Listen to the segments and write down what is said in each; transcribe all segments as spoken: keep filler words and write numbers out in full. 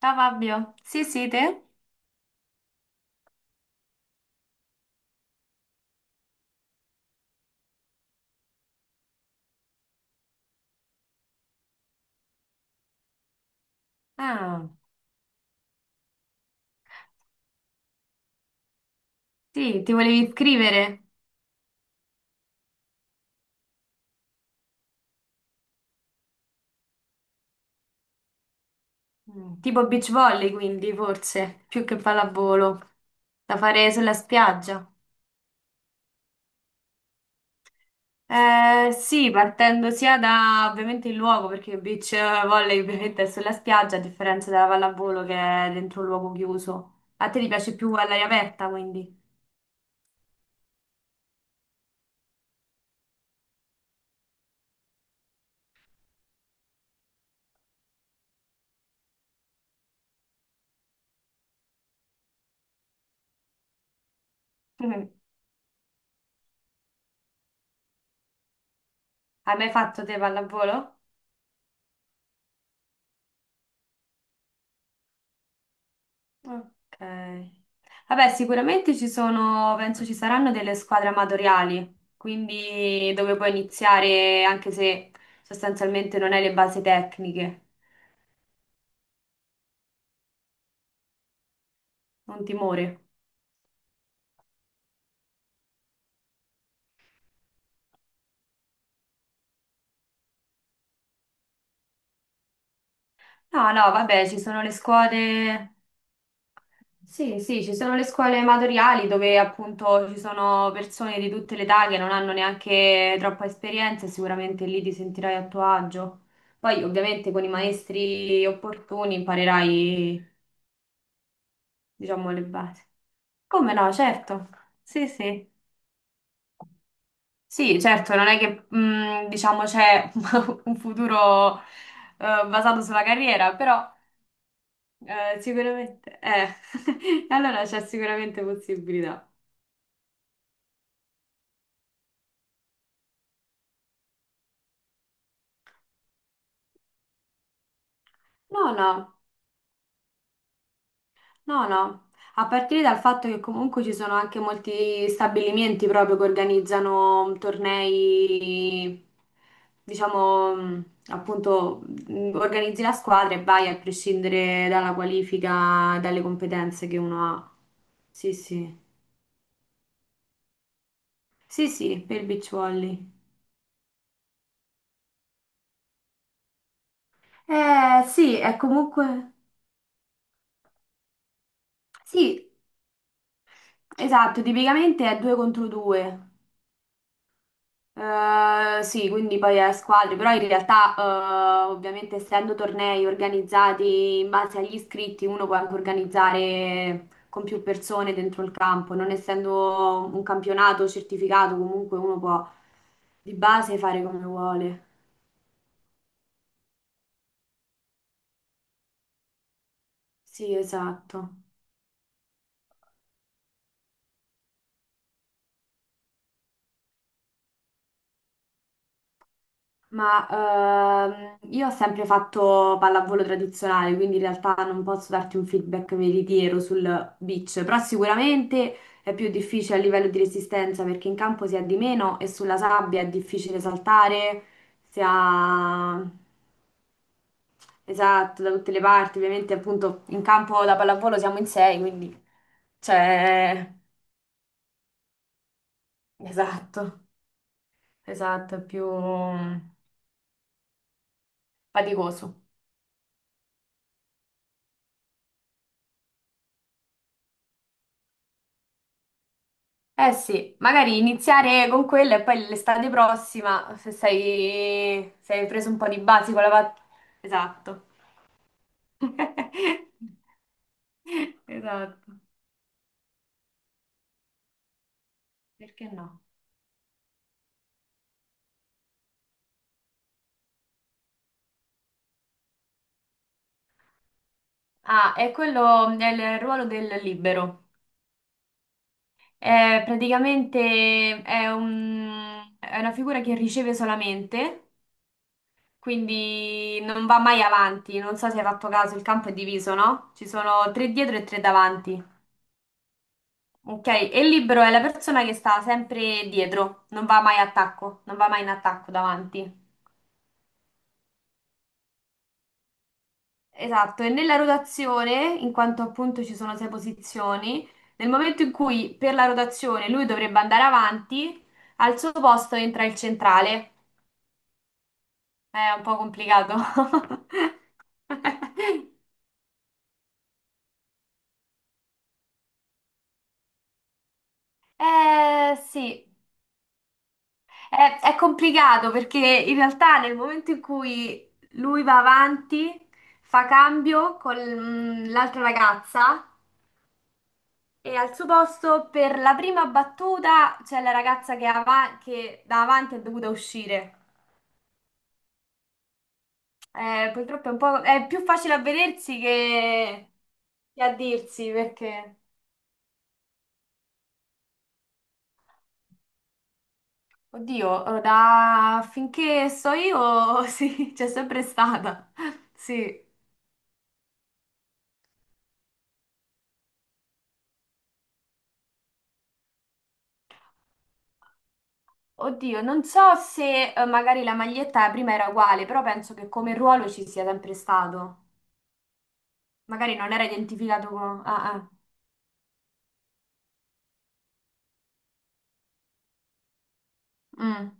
Ciao Fabio, sì, sì, te? Ah, sì, ti volevi iscrivere? Mm, Tipo beach volley quindi, forse, più che pallavolo, da fare sulla spiaggia. Eh, sì, partendo sia da ovviamente il luogo, perché il beach volley ovviamente è sulla spiaggia, a differenza della pallavolo che è dentro un luogo chiuso. A te ti piace più all'aria aperta quindi? Hai mai fatto te pallavolo? Ok. Vabbè, sicuramente ci sono, penso ci saranno delle squadre amatoriali, quindi dove puoi iniziare anche se sostanzialmente non hai le basi tecniche, non timore. No, no, vabbè, ci sono le scuole, sì, sì, ci sono le scuole amatoriali dove appunto ci sono persone di tutte le età che non hanno neanche troppa esperienza, e sicuramente lì ti sentirai a tuo agio. Poi ovviamente con i maestri opportuni imparerai, diciamo, le basi. Come no, certo. Sì, sì. Sì, certo, non è che, mm, diciamo, c'è un futuro, eh, basato sulla carriera, però, eh, sicuramente, eh, allora c'è sicuramente possibilità. No, no. No, no, a partire dal fatto che comunque ci sono anche molti stabilimenti proprio che organizzano mm, tornei, diciamo, mh, appunto, mh, organizzi la squadra e vai a prescindere dalla qualifica, dalle competenze che uno ha. Sì, sì. Sì, sì, per il beach volley. Eh, sì, è comunque... Sì, esatto, tipicamente è due contro due. Eh, sì, quindi poi a squadre, però in realtà, eh, ovviamente essendo tornei organizzati in base agli iscritti, uno può anche organizzare con più persone dentro il campo, non essendo un campionato certificato, comunque uno può di base fare come vuole. Sì, esatto. Ma ehm, io ho sempre fatto pallavolo tradizionale, quindi in realtà non posso darti un feedback veritiero sul beach, però sicuramente è più difficile a livello di resistenza perché in campo si ha di meno e sulla sabbia è difficile saltare, si ha... Esatto, da tutte le parti, ovviamente appunto in campo da pallavolo siamo in sei, quindi, cioè, esatto, esatto, è più faticoso. Eh sì, magari iniziare con quella e poi l'estate prossima, se sei, se hai preso un po' di basi con la pat- Esatto. Esatto. Perché no? Ah, è quello, è il ruolo del libero. È praticamente è un- è una figura che riceve solamente, quindi non va mai avanti. Non so se hai fatto caso, il campo è diviso, no? Ci sono tre dietro e tre davanti. Ok, e il libero è la persona che sta sempre dietro, non va mai a attacco, non va mai in attacco davanti. Esatto, e nella rotazione, in quanto appunto ci sono sei posizioni, nel momento in cui per la rotazione lui dovrebbe andare avanti, al suo posto entra il centrale. È un po' complicato. Eh sì. È, è complicato perché in realtà nel momento in cui lui va avanti, fa cambio con mm, l'altra ragazza e al suo posto per la prima battuta c'è la ragazza che, ava- che da avanti è dovuta uscire. Eh, purtroppo è un po', è più facile a vedersi che, che a dirsi perché, oddio, da finché so io sì, c'è sempre stata. Sì. Oddio, non so se, eh, magari la maglietta prima era uguale, però penso che come ruolo ci sia sempre stato. Magari non era identificato con... Ah, ah. Mm.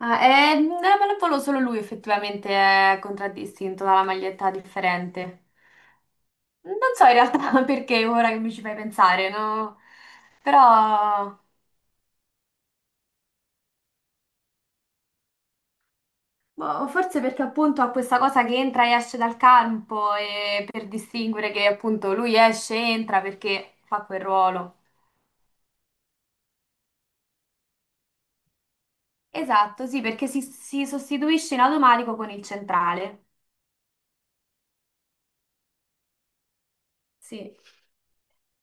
Ah, eh, non me lo volo solo lui effettivamente è contraddistinto dalla maglietta differente. Non so in realtà perché ora che mi ci fai pensare, no? Però boh, forse perché appunto ha questa cosa che entra e esce dal campo e per distinguere che appunto lui esce e entra perché fa quel ruolo. Esatto, sì, perché si, si sostituisce in automatico con il centrale. Sì.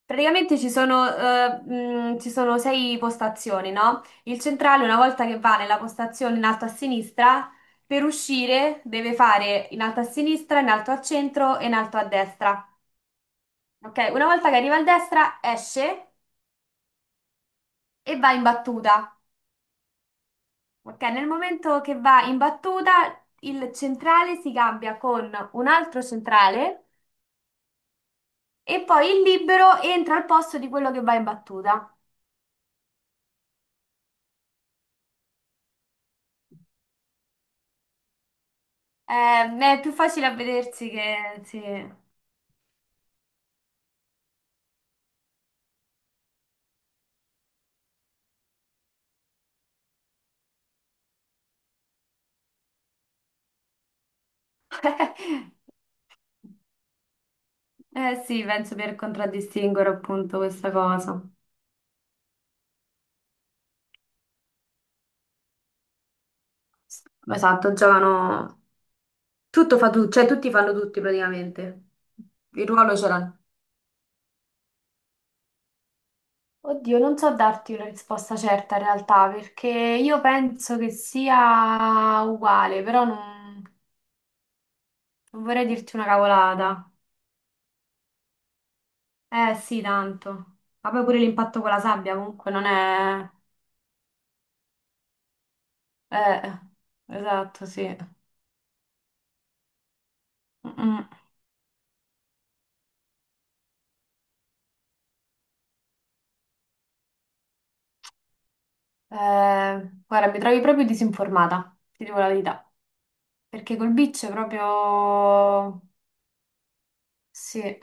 Praticamente ci sono, eh, mh, ci sono sei postazioni, no? Il centrale, una volta che va nella postazione in alto a sinistra, per uscire deve fare in alto a sinistra, in alto a centro e in alto a destra. Ok? Una volta che arriva a destra, esce e va in battuta. Ok? Nel momento che va in battuta, il centrale si cambia con un altro centrale. E poi il libero entra al posto di quello che va in battuta. Eh, è più facile a vedersi che... Sì. Eh sì, penso per contraddistinguere appunto questa cosa. Esatto, giocano... Tutto fa tu, cioè tutti fanno tutti praticamente. Il ruolo ce l'hanno. Oddio, non so darti una risposta certa in realtà, perché io penso che sia uguale, però non, non vorrei dirti una cavolata. Eh sì, tanto. Ma poi pure l'impatto con la sabbia comunque non è... Eh, esatto, sì. Mm, mm. Eh, guarda, mi trovi proprio disinformata, ti dico la verità. Perché col beach è proprio... Sì.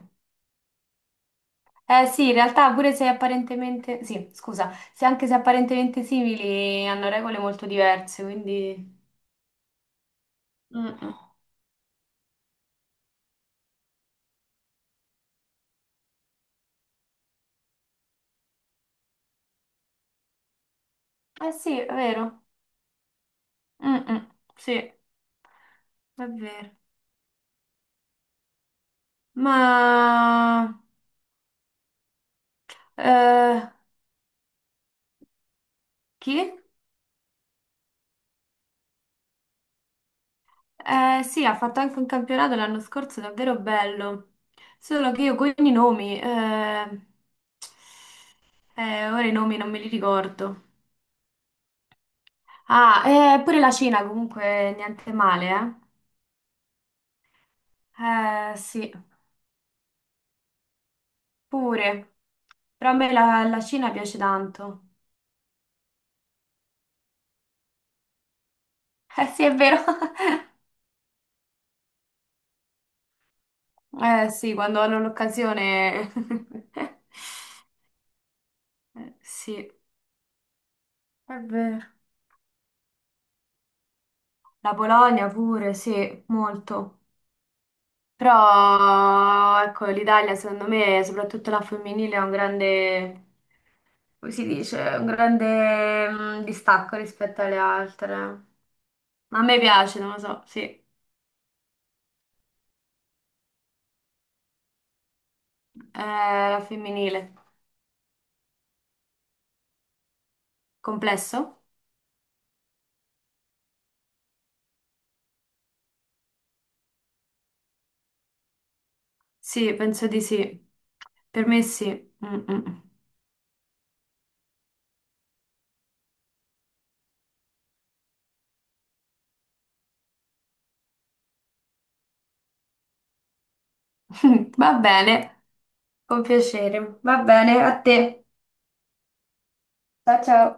Eh sì, in realtà pure se apparentemente... Sì, scusa, se anche se apparentemente simili hanno regole molto diverse, quindi... Mm, mm. Eh sì, è vero. Mm, mm. Sì, è vero. Ma... Eh, chi? Eh, sì, ha fatto anche un campionato l'anno scorso davvero bello, solo che io con i nomi, eh, eh, ora i nomi non me li ricordo. Ah, eh, pure la Cina comunque niente male, eh? Eh, sì, pure, però a me la, la Cina piace tanto. Eh sì, è vero. Eh sì, quando hanno l'occasione. Eh, sì, è vero. La Polonia pure, sì, molto. Però, ecco, l'Italia secondo me, soprattutto la femminile, ha un grande, come si dice, un grande, mm, distacco rispetto alle altre. Ma a me piace, non lo so, sì. Eh, la femminile. Complesso? Sì, penso di sì. Per me sì. Mm, mm. Va bene, con piacere. Va bene, a te. Ciao, ciao.